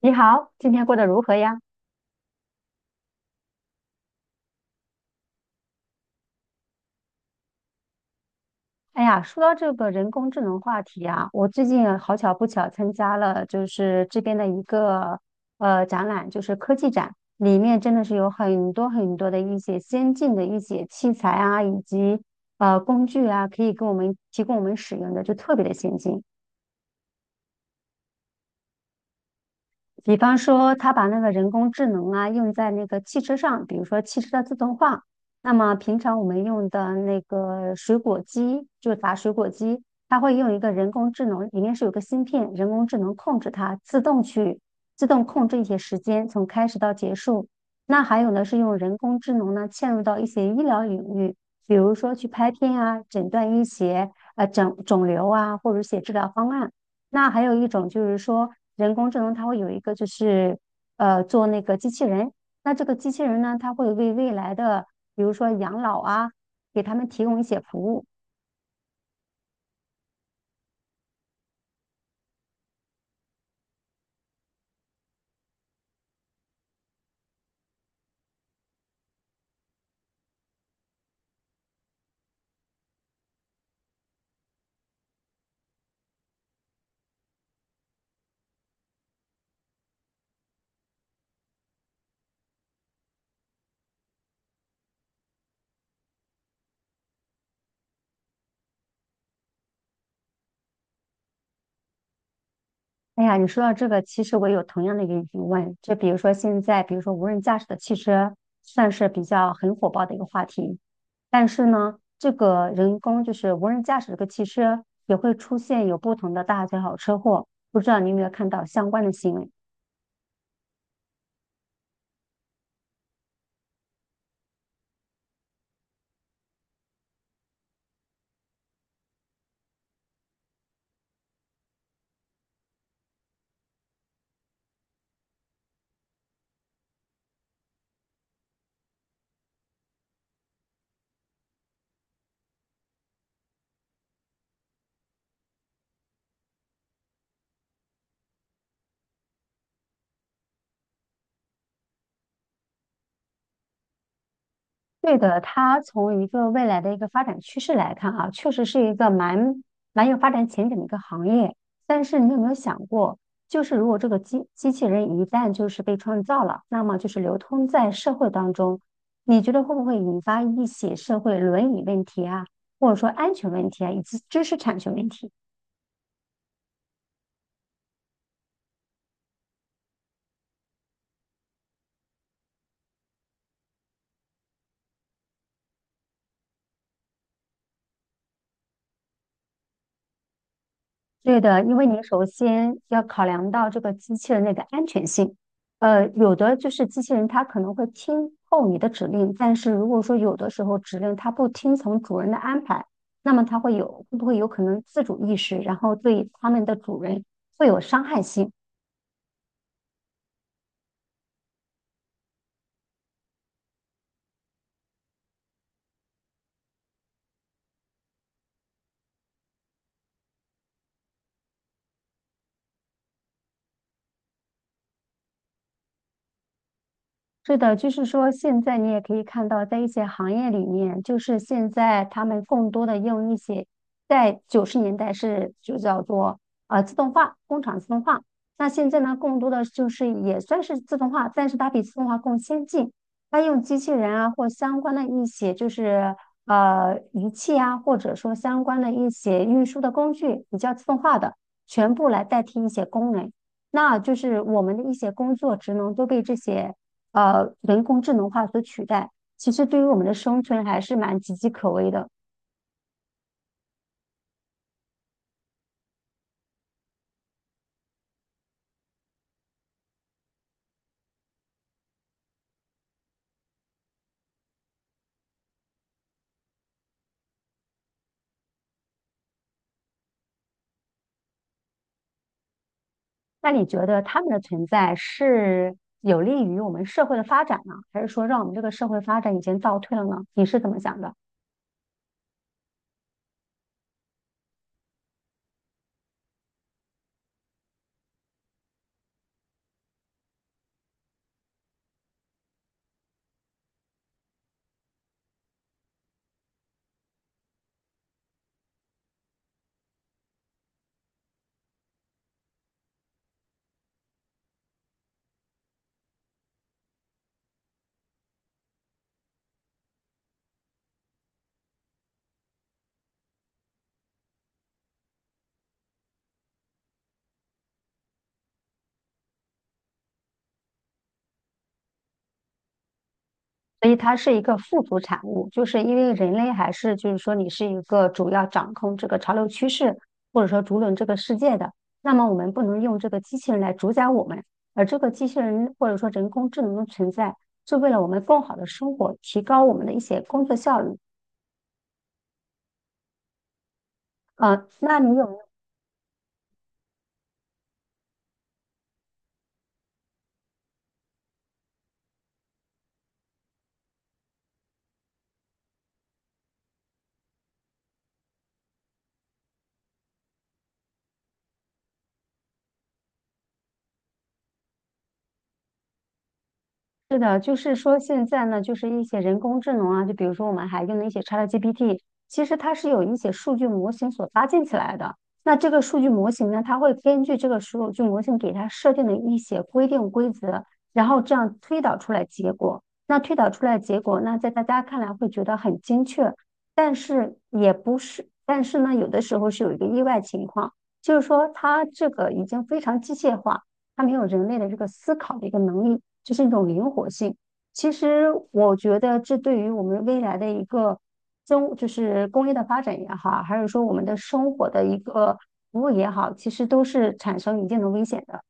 你好，今天过得如何呀？哎呀，说到这个人工智能话题啊，我最近好巧不巧参加了就是这边的一个展览，就是科技展，里面真的是有很多很多的一些先进的一些器材啊，以及工具啊，可以给我们提供我们使用的，就特别的先进。比方说，他把那个人工智能啊用在那个汽车上，比如说汽车的自动化。那么平常我们用的那个水果机，就是打水果机，它会用一个人工智能，里面是有个芯片，人工智能控制它，自动去自动控制一些时间，从开始到结束。那还有呢，是用人工智能呢嵌入到一些医疗领域，比如说去拍片啊，诊断医学，诊肿瘤啊，或者写治疗方案。那还有一种就是说，人工智能它会有一个就是做那个机器人，那这个机器人呢，它会为未来的比如说养老啊，给他们提供一些服务。哎呀，你说到这个，其实我有同样的一个疑问，就比如说现在，比如说无人驾驶的汽车算是比较很火爆的一个话题，但是呢，这个人工就是无人驾驶这个汽车也会出现有不同的大小车祸，不知道你有没有看到相关的新闻？对的，它从一个未来的一个发展趋势来看啊，确实是一个蛮有发展前景的一个行业。但是你有没有想过，就是如果这个机器人一旦就是被创造了，那么就是流通在社会当中，你觉得会不会引发一些社会伦理问题啊，或者说安全问题啊，以及知识产权问题？对的，因为你首先要考量到这个机器人的一个安全性。呃，有的就是机器人它可能会听候你的指令，但是如果说有的时候指令它不听从主人的安排，那么它会有会不会有可能自主意识，然后对他们的主人会有伤害性？是的，就是说，现在你也可以看到，在一些行业里面，就是现在他们更多的用一些，在九十年代是就叫做自动化，工厂自动化。那现在呢，更多的就是也算是自动化，但是它比自动化更先进。它用机器人啊，或相关的一些就是仪器啊，或者说相关的一些运输的工具，比较自动化的，全部来代替一些工人。那就是我们的一些工作职能都被这些。人工智能化所取代，其实对于我们的生存还是蛮岌岌可危的。那你觉得他们的存在是有利于我们社会的发展呢，还是说让我们这个社会发展已经倒退了呢？你是怎么想的？所以它是一个附属产物，就是因为人类还是就是说你是一个主要掌控这个潮流趋势，或者说主导这个世界的，那么我们不能用这个机器人来主宰我们，而这个机器人或者说人工智能的存在，是为了我们更好的生活，提高我们的一些工作效率。呃，那你有是的，就是说现在呢，就是一些人工智能啊，就比如说我们还用的一些 ChatGPT，其实它是有一些数据模型所搭建起来的。那这个数据模型呢，它会根据这个数据模型给它设定的一些规定规则，然后这样推导出来结果。那推导出来结果，那在大家看来会觉得很精确，但是也不是，但是呢，有的时候是有一个意外情况，就是说它这个已经非常机械化。他没有人类的这个思考的一个能力，这是一种灵活性。其实我觉得这对于我们未来的一个中，就是工业的发展也好，还是说我们的生活的一个服务也好，其实都是产生一定的危险的。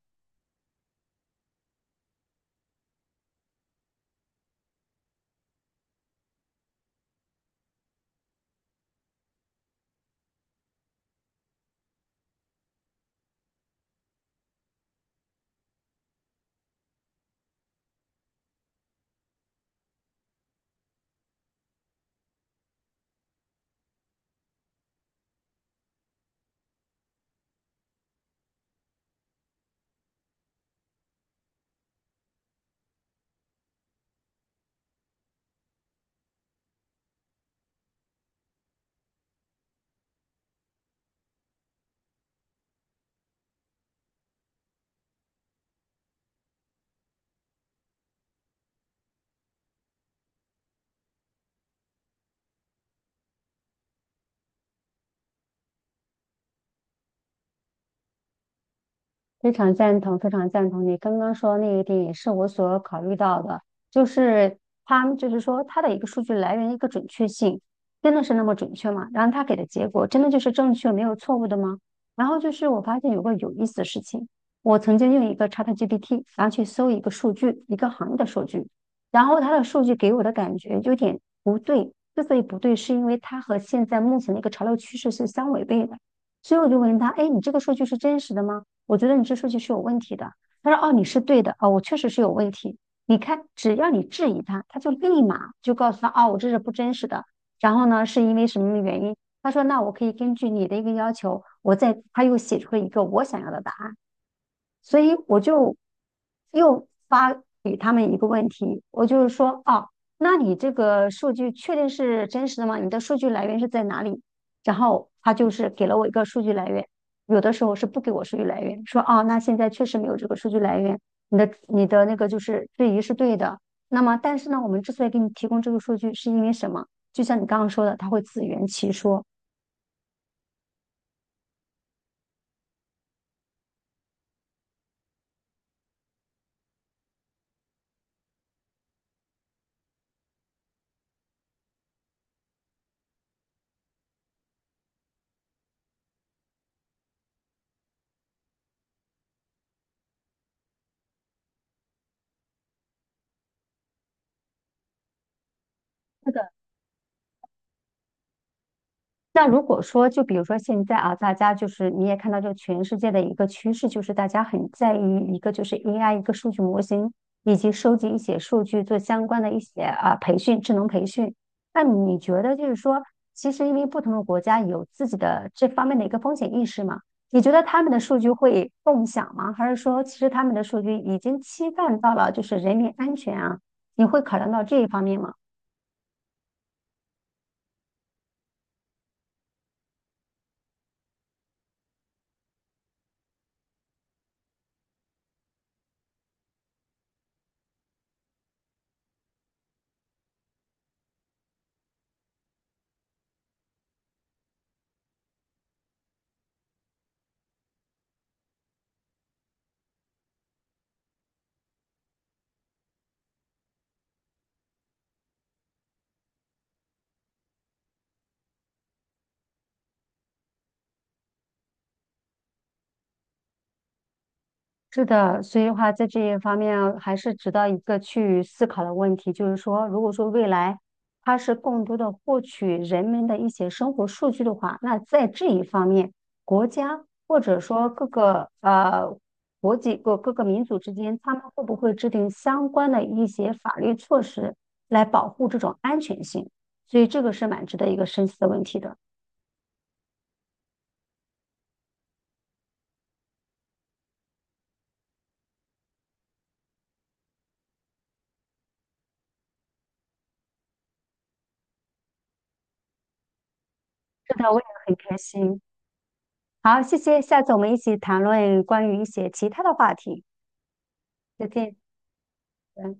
非常赞同，非常赞同你刚刚说的那一点，也是我所考虑到的，就是他们就是说他的一个数据来源一个准确性，真的是那么准确吗？然后他给的结果真的就是正确，没有错误的吗？然后就是我发现有个有意思的事情，我曾经用一个 ChatGPT，然后去搜一个数据，一个行业的数据，然后它的数据给我的感觉有点不对，之所以不对，是因为它和现在目前的一个潮流趋势是相违背的，所以我就问他，哎，你这个数据是真实的吗？我觉得你这数据是有问题的。他说：“哦，你是对的，哦，我确实是有问题。你看，只要你质疑他，他就立马就告诉他，哦，我这是不真实的。然后呢，是因为什么原因？他说，那我可以根据你的一个要求，我再他又写出了一个我想要的答案。所以我就又发给他们一个问题，我就是说，哦，那你这个数据确定是真实的吗？你的数据来源是在哪里？然后他就是给了我一个数据来源，有的时候是不给我数据来源，说哦，那现在确实没有这个数据来源，你的那个就是质疑是对的。那么，但是呢，我们之所以给你提供这个数据，是因为什么？就像你刚刚说的，他会自圆其说。是的。那如果说，就比如说现在啊，大家就是你也看到，这个全世界的一个趋势，就是大家很在意一个就是 AI 一个数据模型，以及收集一些数据做相关的一些啊培训，智能培训。那你觉得就是说，其实因为不同的国家有自己的这方面的一个风险意识嘛？你觉得他们的数据会共享吗？还是说，其实他们的数据已经侵犯到了就是人民安全啊？你会考量到这一方面吗？是的，所以的话，在这一方面啊还是值得一个去思考的问题，就是说，如果说未来它是更多的获取人们的一些生活数据的话，那在这一方面，国家或者说各个国际各个民族之间，他们会不会制定相关的一些法律措施来保护这种安全性？所以这个是蛮值得一个深思的问题的。是的，我也很开心。好，谢谢，下次我们一起谈论关于一些其他的话题。再见拜拜